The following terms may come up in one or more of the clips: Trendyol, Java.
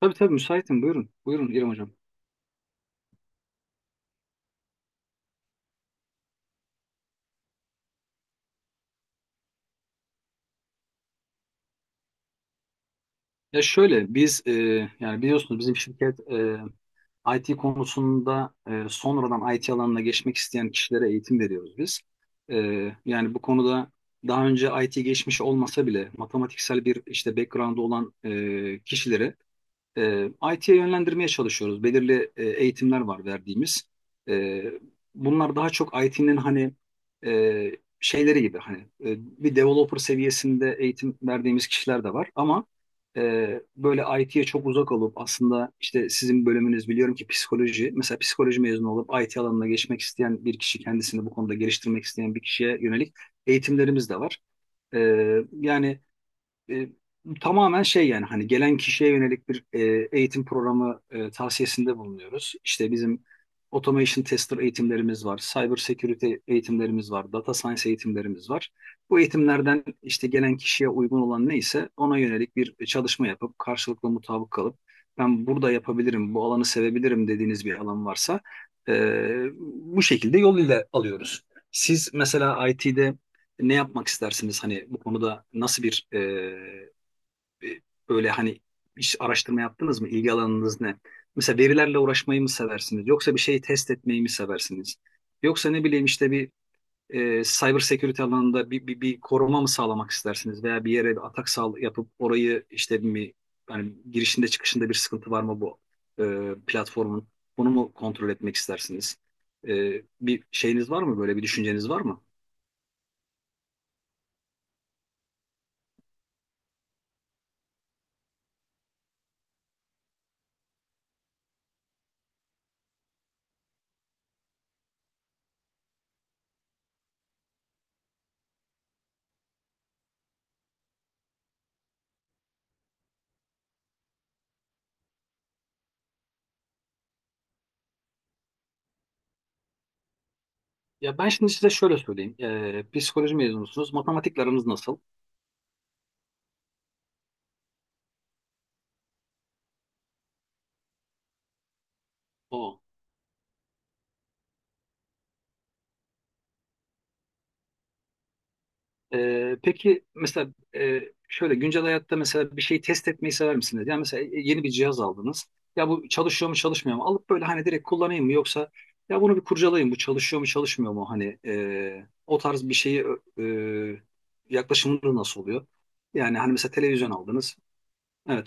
Tabii tabii müsaitim. Buyurun. Buyurun İrem Hocam. Ya şöyle biz yani biliyorsunuz bizim şirket IT konusunda sonradan IT alanına geçmek isteyen kişilere eğitim veriyoruz biz. E, yani bu konuda daha önce IT geçmiş olmasa bile matematiksel bir işte background olan kişilere E, IT'ye yönlendirmeye çalışıyoruz. Belirli eğitimler var verdiğimiz. E, bunlar daha çok IT'nin hani e, şeyleri gibi hani e, bir developer seviyesinde eğitim verdiğimiz kişiler de var ama böyle IT'ye çok uzak olup aslında işte sizin bölümünüz biliyorum ki psikoloji. Mesela psikoloji mezunu olup IT alanına geçmek isteyen bir kişi kendisini bu konuda geliştirmek isteyen bir kişiye yönelik eğitimlerimiz de var. E, yani e, tamamen şey yani hani gelen kişiye yönelik bir eğitim programı tavsiyesinde bulunuyoruz. İşte bizim automation tester eğitimlerimiz var, cyber security eğitimlerimiz var, data science eğitimlerimiz var. Bu eğitimlerden işte gelen kişiye uygun olan neyse ona yönelik bir çalışma yapıp karşılıklı mutabık kalıp ben burada yapabilirim, bu alanı sevebilirim dediğiniz bir alan varsa e, bu şekilde yol ile alıyoruz. Siz mesela IT'de ne yapmak istersiniz? Hani bu konuda nasıl bir böyle hani hiç araştırma yaptınız mı? İlgi alanınız ne? Mesela verilerle uğraşmayı mı seversiniz? Yoksa bir şeyi test etmeyi mi seversiniz? Yoksa ne bileyim işte bir cyber security alanında bir koruma mı sağlamak istersiniz? Veya bir yere bir atak yapıp orayı işte mi hani girişinde çıkışında bir sıkıntı var mı bu platformun? Bunu mu kontrol etmek istersiniz? Bir şeyiniz var mı, böyle bir düşünceniz var mı? Ya ben şimdi size şöyle söyleyeyim. Psikoloji mezunusunuz. Matematikle aranız nasıl? O. Peki mesela e, şöyle güncel hayatta mesela bir şeyi test etmeyi sever misiniz? Yani mesela yeni bir cihaz aldınız. Ya bu çalışıyor mu çalışmıyor mu? Alıp böyle hani direkt kullanayım mı, yoksa ya bunu bir kurcalayayım bu çalışıyor mu çalışmıyor mu? Hani o tarz bir şeyi e, yaklaşımınız nasıl oluyor? Yani hani mesela televizyon aldınız. Evet.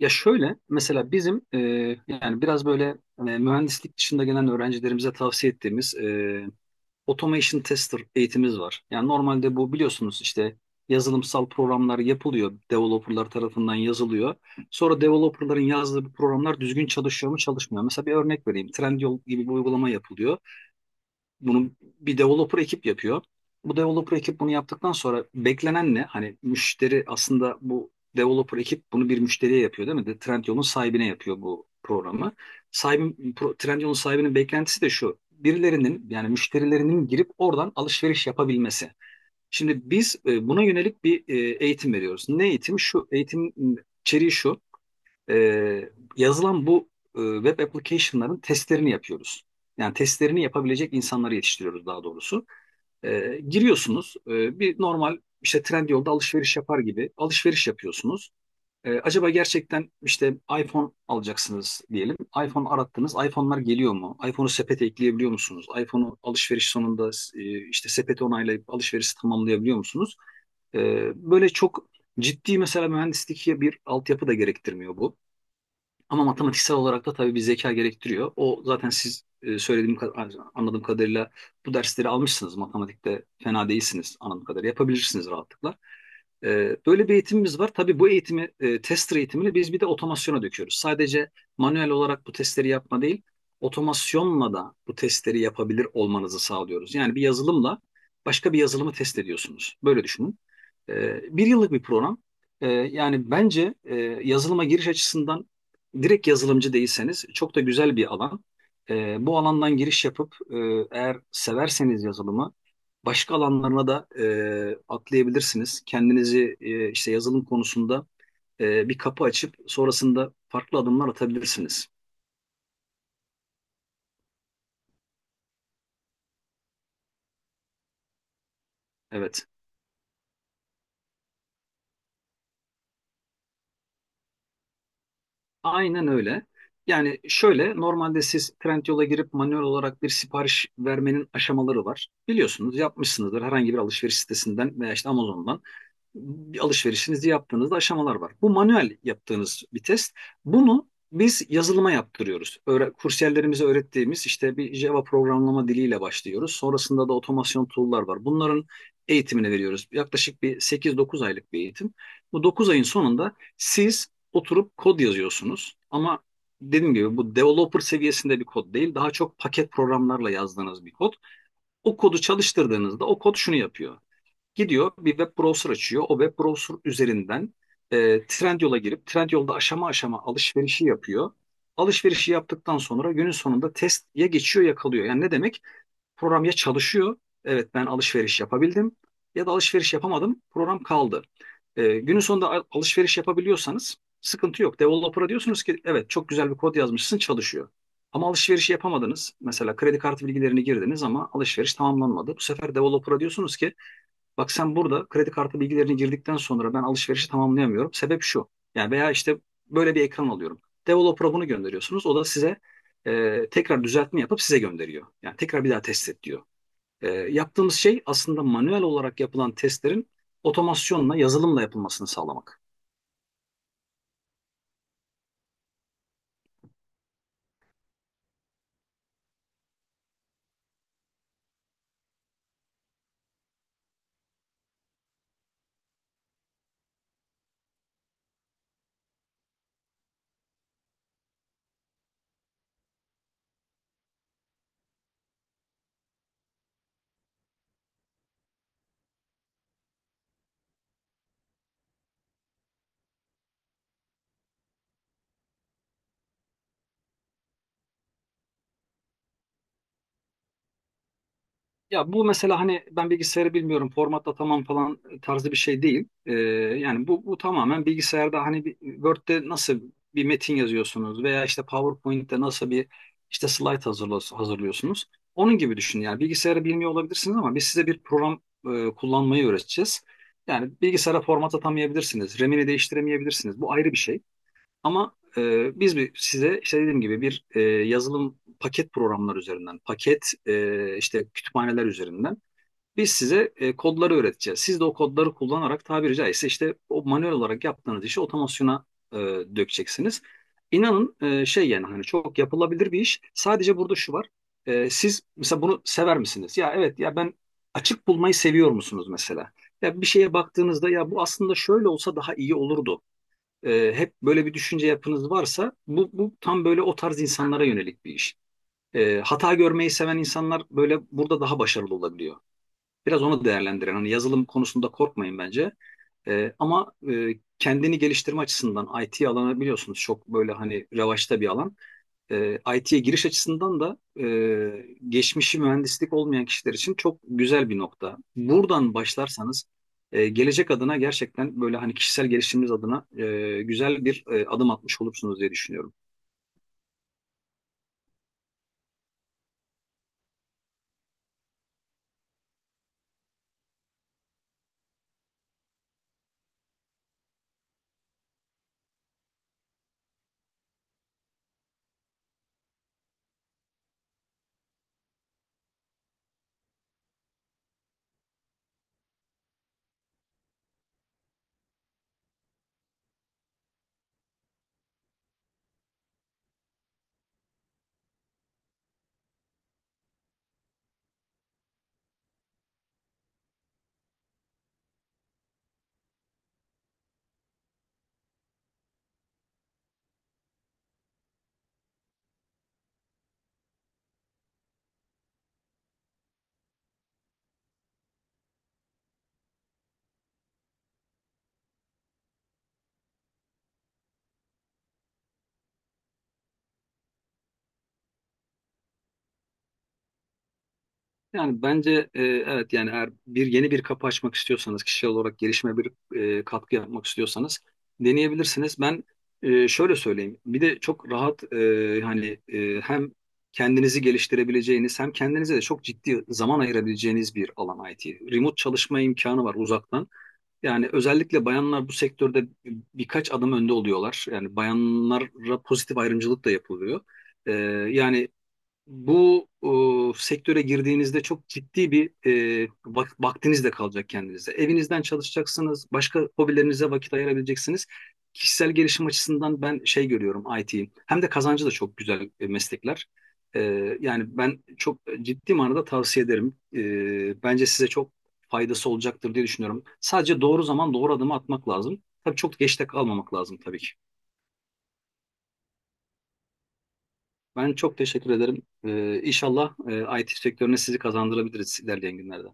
Ya şöyle mesela bizim yani biraz böyle mühendislik dışında gelen öğrencilerimize tavsiye ettiğimiz automation tester eğitimimiz var. Yani normalde bu biliyorsunuz işte yazılımsal programlar yapılıyor. Developerlar tarafından yazılıyor. Sonra developerların yazdığı bu programlar düzgün çalışıyor mu çalışmıyor. Mu? Mesela bir örnek vereyim. Trendyol gibi bir uygulama yapılıyor. Bunu bir developer ekip yapıyor. Bu developer ekip bunu yaptıktan sonra beklenen ne? Hani müşteri aslında bu developer ekip bunu bir müşteriye yapıyor değil mi? Trendyol'un sahibine yapıyor bu programı. Trendyol'un sahibinin beklentisi de şu: birilerinin yani müşterilerinin girip oradan alışveriş yapabilmesi. Şimdi biz buna yönelik bir eğitim veriyoruz. Ne eğitim? Şu eğitim, içeriği şu: e, yazılan bu web application'ların testlerini yapıyoruz. Yani testlerini yapabilecek insanları yetiştiriyoruz daha doğrusu. Giriyorsunuz bir normal işte Trendyol'da alışveriş yapar gibi alışveriş yapıyorsunuz. Acaba gerçekten işte iPhone alacaksınız diyelim. iPhone arattınız. iPhone'lar geliyor mu? iPhone'u sepete ekleyebiliyor musunuz? iPhone'u alışveriş sonunda işte sepeti onaylayıp alışverişi tamamlayabiliyor musunuz? E, böyle çok ciddi mesela mühendislik bir altyapı da gerektirmiyor bu. Ama matematiksel olarak da tabii bir zeka gerektiriyor. O zaten, siz söylediğim hani anladığım kadarıyla bu dersleri almışsınız. Matematikte fena değilsiniz anladığım kadarıyla. Yapabilirsiniz rahatlıkla. Böyle bir eğitimimiz var. Tabii bu tester eğitimini biz bir de otomasyona döküyoruz. Sadece manuel olarak bu testleri yapma değil, otomasyonla da bu testleri yapabilir olmanızı sağlıyoruz. Yani bir yazılımla başka bir yazılımı test ediyorsunuz. Böyle düşünün. Bir yıllık bir program. Yani bence yazılıma giriş açısından direkt yazılımcı değilseniz çok da güzel bir alan. Bu alandan giriş yapıp eğer severseniz yazılımı başka alanlarına da atlayabilirsiniz. Kendinizi işte yazılım konusunda bir kapı açıp sonrasında farklı adımlar atabilirsiniz. Evet, aynen öyle. Yani şöyle, normalde siz Trendyol'a girip manuel olarak bir sipariş vermenin aşamaları var. Biliyorsunuz, yapmışsınızdır herhangi bir alışveriş sitesinden veya işte Amazon'dan bir alışverişinizi yaptığınızda aşamalar var. Bu manuel yaptığınız bir test. Bunu biz yazılıma yaptırıyoruz. Kursiyerlerimize öğrettiğimiz işte bir Java programlama diliyle başlıyoruz. Sonrasında da otomasyon tool'lar var. Bunların eğitimini veriyoruz. Yaklaşık bir 8-9 aylık bir eğitim. Bu 9 ayın sonunda siz oturup kod yazıyorsunuz. Ama dediğim gibi bu developer seviyesinde bir kod değil. Daha çok paket programlarla yazdığınız bir kod. O kodu çalıştırdığınızda o kod şunu yapıyor: gidiyor, bir web browser açıyor. O web browser üzerinden Trendyol'a girip Trendyol'da aşama aşama alışverişi yapıyor. Alışverişi yaptıktan sonra günün sonunda test ya geçiyor ya kalıyor. Yani ne demek? Program ya çalışıyor, evet ben alışveriş yapabildim, ya da alışveriş yapamadım, program kaldı. Günün sonunda alışveriş yapabiliyorsanız sıkıntı yok. Developer'a diyorsunuz ki evet, çok güzel bir kod yazmışsın, çalışıyor. Ama alışverişi yapamadınız. Mesela kredi kartı bilgilerini girdiniz ama alışveriş tamamlanmadı. Bu sefer developer'a diyorsunuz ki bak, sen burada kredi kartı bilgilerini girdikten sonra ben alışverişi tamamlayamıyorum. Sebep şu. Yani veya işte böyle bir ekran alıyorum. Developer'a bunu gönderiyorsunuz. O da size tekrar düzeltme yapıp size gönderiyor. Yani tekrar bir daha test et diyor. Yaptığımız şey aslında manuel olarak yapılan testlerin otomasyonla, yazılımla yapılmasını sağlamak. Ya bu mesela hani ben bilgisayarı bilmiyorum, formatla tamam falan tarzı bir şey değil. Yani bu tamamen bilgisayarda hani Word'de nasıl bir metin yazıyorsunuz veya işte PowerPoint'te nasıl bir işte slide hazırlıyorsunuz, onun gibi düşünün. Yani bilgisayarı bilmiyor olabilirsiniz ama biz size bir program kullanmayı öğreteceğiz. Yani bilgisayara format atamayabilirsiniz, RAM'ini değiştiremeyebilirsiniz, bu ayrı bir şey. Ama biz size işte dediğim gibi bir yazılım paket programlar üzerinden, paket işte kütüphaneler üzerinden biz size kodları öğreteceğiz. Siz de o kodları kullanarak tabiri caizse işte o manuel olarak yaptığınız işi otomasyona e, dökeceksiniz. İnanın şey, yani hani çok yapılabilir bir iş. Sadece burada şu var: siz mesela bunu sever misiniz? Ya evet, ya ben açık bulmayı seviyor musunuz mesela? Ya bir şeye baktığınızda, ya bu aslında şöyle olsa daha iyi olurdu, hep böyle bir düşünce yapınız varsa, bu tam böyle o tarz insanlara yönelik bir iş. Hata görmeyi seven insanlar böyle burada daha başarılı olabiliyor. Biraz onu değerlendiren, hani yazılım konusunda korkmayın bence. Ama kendini geliştirme açısından IT alanı biliyorsunuz çok böyle hani revaçta bir alan. IT'ye giriş açısından da geçmişi mühendislik olmayan kişiler için çok güzel bir nokta. Buradan başlarsanız gelecek adına gerçekten böyle hani kişisel gelişiminiz adına güzel bir adım atmış olursunuz diye düşünüyorum. Yani bence evet, yani eğer bir yeni bir kapı açmak istiyorsanız, kişisel olarak gelişime bir katkı yapmak istiyorsanız, deneyebilirsiniz. Ben şöyle söyleyeyim. Bir de çok rahat hani hem kendinizi geliştirebileceğiniz hem kendinize de çok ciddi zaman ayırabileceğiniz bir alan IT. Remote çalışma imkanı var, uzaktan. Yani özellikle bayanlar bu sektörde birkaç adım önde oluyorlar. Yani bayanlara pozitif ayrımcılık da yapılıyor. E, yani bu sektöre girdiğinizde çok ciddi bir vaktiniz de kalacak kendinize. Evinizden çalışacaksınız, başka hobilerinize vakit ayırabileceksiniz. Kişisel gelişim açısından ben şey görüyorum IT'yi. Hem de kazancı da çok güzel meslekler. E, yani ben çok ciddi manada tavsiye ederim. Bence size çok faydası olacaktır diye düşünüyorum. Sadece doğru zaman doğru adımı atmak lazım. Tabii çok geçte kalmamak lazım tabii ki. Ben çok teşekkür ederim. İnşallah IT sektörüne sizi kazandırabiliriz ilerleyen günlerde.